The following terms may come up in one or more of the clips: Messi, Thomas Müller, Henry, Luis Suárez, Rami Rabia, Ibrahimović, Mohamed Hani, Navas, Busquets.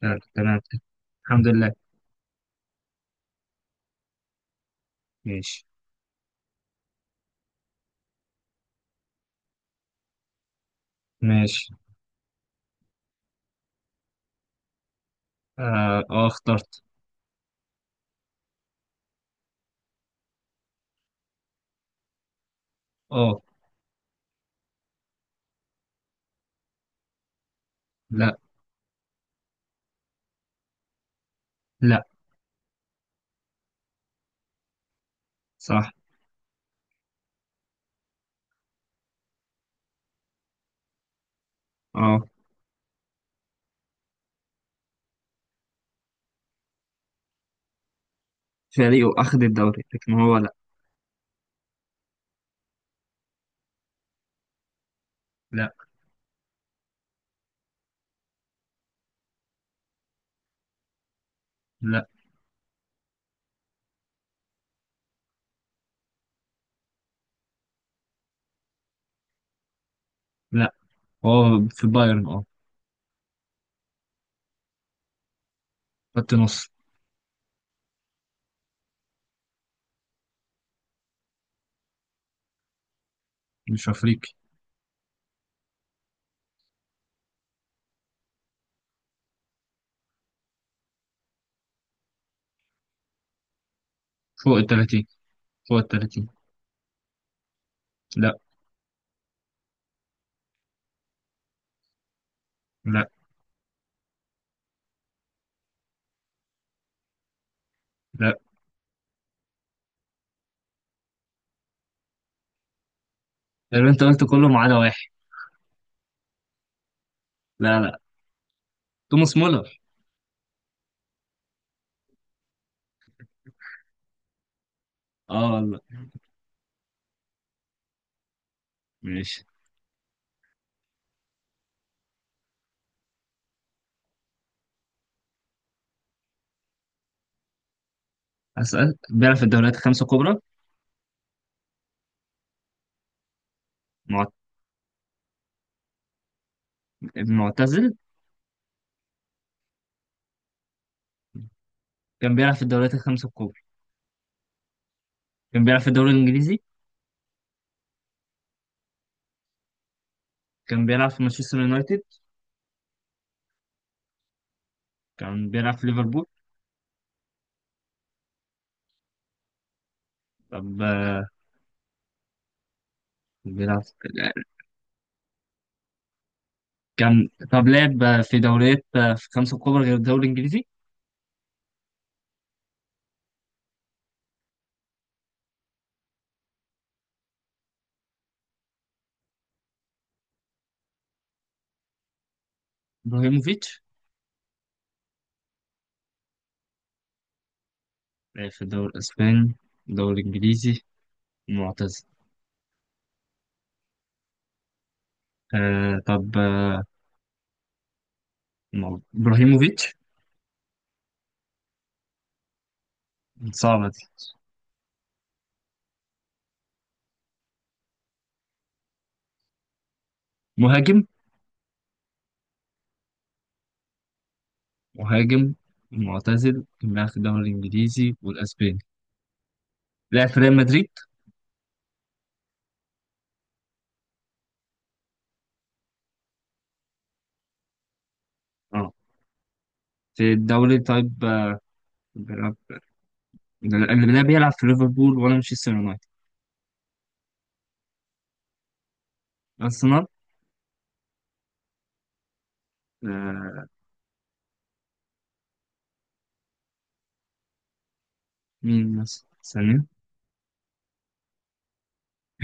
تمام تمام. الحمد لله. ماشي ماشي. اه. اخترت. اه. لا. لا. صح. اه. فريقه اخذ الدوري لكن هو لا. لا. لا. لا هو في بايرن، اه. خط نص. مش افريقي. فوق ال 30. فوق ال 30. لا. لا. لا. اللي انت قلت كله ما عدا واحد. لا لا. توماس مولر. اه والله. ماشي. اسال بيلعب في الدوريات الخمسه الكبرى. معت- معتزل. كان بيلعب في الدوريات الخمسه الكبرى. كان بيلعب في الدوري الانجليزي. كان بيلعب في مانشستر يونايتد. كان بيلعب في ليفربول. طب بيلعب في- كان طب لعب في دوريات في خمسة كبرى غير الدوري الإنجليزي. إبراهيموفيتش. لعب في الدوري الإسباني، الدوري الإنجليزي. معتزل. آه طب آه إبراهيموفيتش. صعبة دي. مهاجم. مهاجم معتزل كان بيلعب في الدوري الإنجليزي والأسباني. لعب في ريال مدريد. اه. في الدوري، طيب. بيلعب. اللي بيلعب في ليفربول ولا مانشستر يونايتد. أرسنال. آه مين مثلا ثانية؟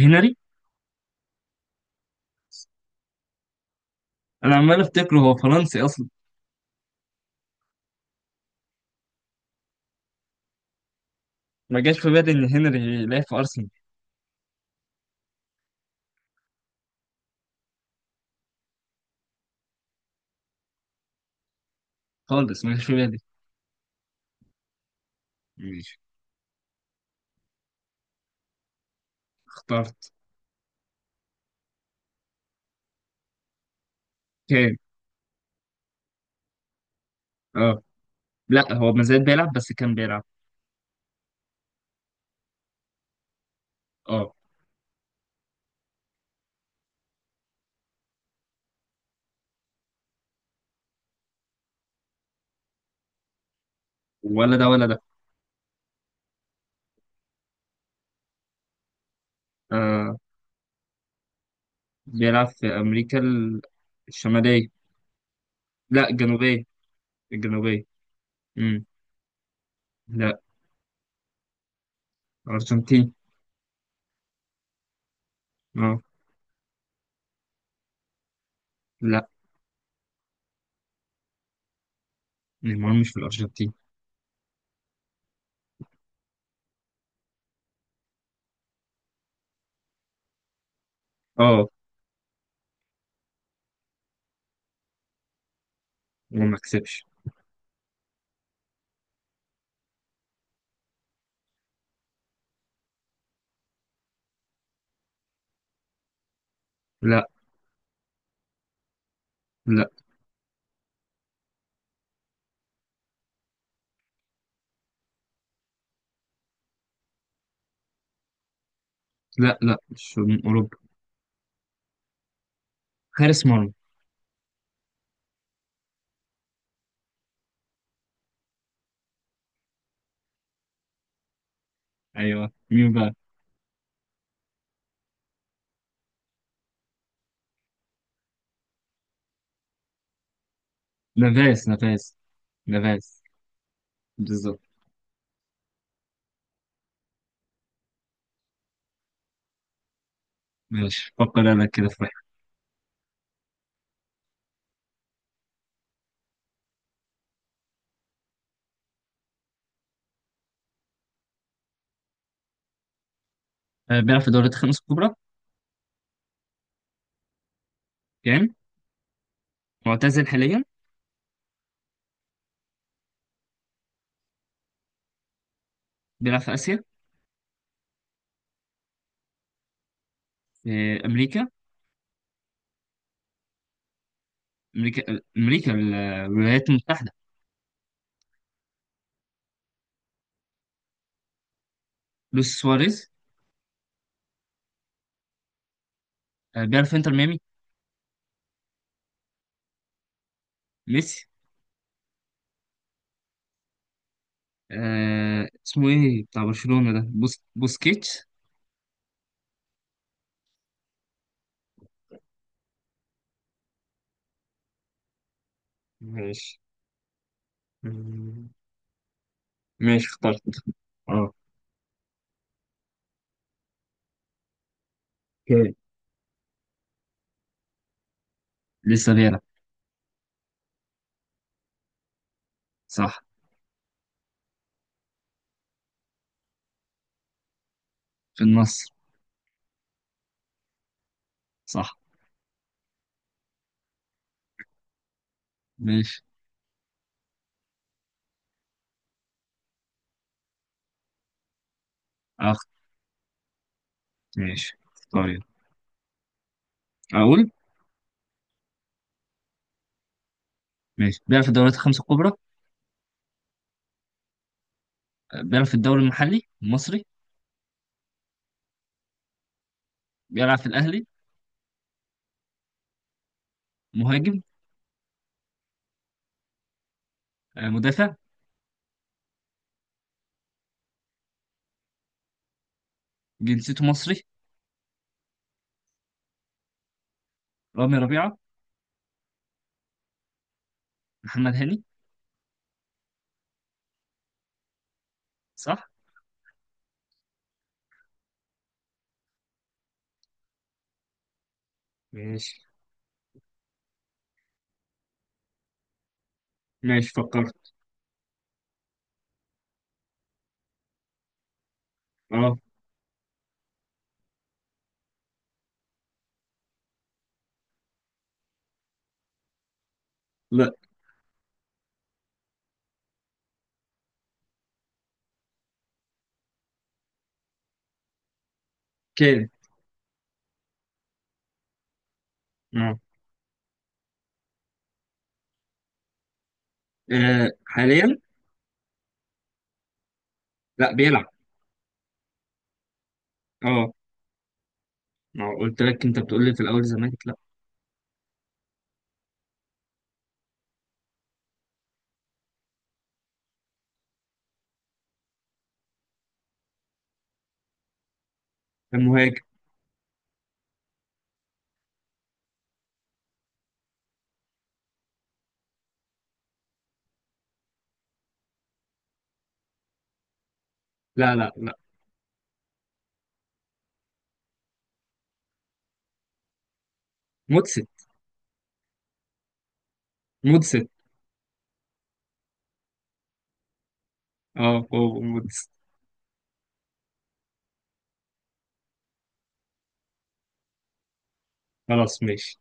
هنري. انا عمال افتكره هو فرنسي اصلا. ما جاش في بالي ان هنري يلعب في ارسنال. خالص ما جاش في بالي. ماشي اخترت. كان. اه. لا هو ما زال بيلعب بس كان بيلعب. اه. ولا ده ولا ده. آه بيلعب في امريكا الشماليه. لا الجنوبيه. الجنوبيه. امم لا. ارجنتين. اه. لا. نيمار مش في الارجنتين. اه، وما كسبش. لا. لا. لا لا مش من اوروبا. حارس مرمى. ايوه مين بقى؟ نافاس نافاس. نافاس. بالظبط. ماشي فكر انا كده في واحد. بيلعب في دوريات الخمس الكبرى يعني. معتزل حاليا. بيلعب في اسيا. في امريكا. امريكا. امريكا، الولايات المتحده. لويس سواريز. بيلعب في انتر ميامي. ميسي. اسمه ايه بتاع برشلونه ده، بوسكيتش. ماشي. مم. ماشي اخترت. اه. اوكي. لسه بيلعب. صح. في النصر. صح. ماشي. اخ ماشي اختار يلا. اقول. ماشي بيلعب في الدوريات الخمسة الكبرى. بيلعب في الدوري المحلي المصري. بيلعب في الأهلي. مهاجم. مدافع. جنسيته مصري. رامي ربيعة. محمد هاني. صح؟ ماشي. ماشي فكرت. اه. لا. كان. اه. حاليا. لا بيلعب. اه. ما هو قلت لك انت بتقول لي في الأول زمالك لا. كان مهاجم. لا لا لا. مدسن. مدسن. اه هو مدسن. خلاص ماشي.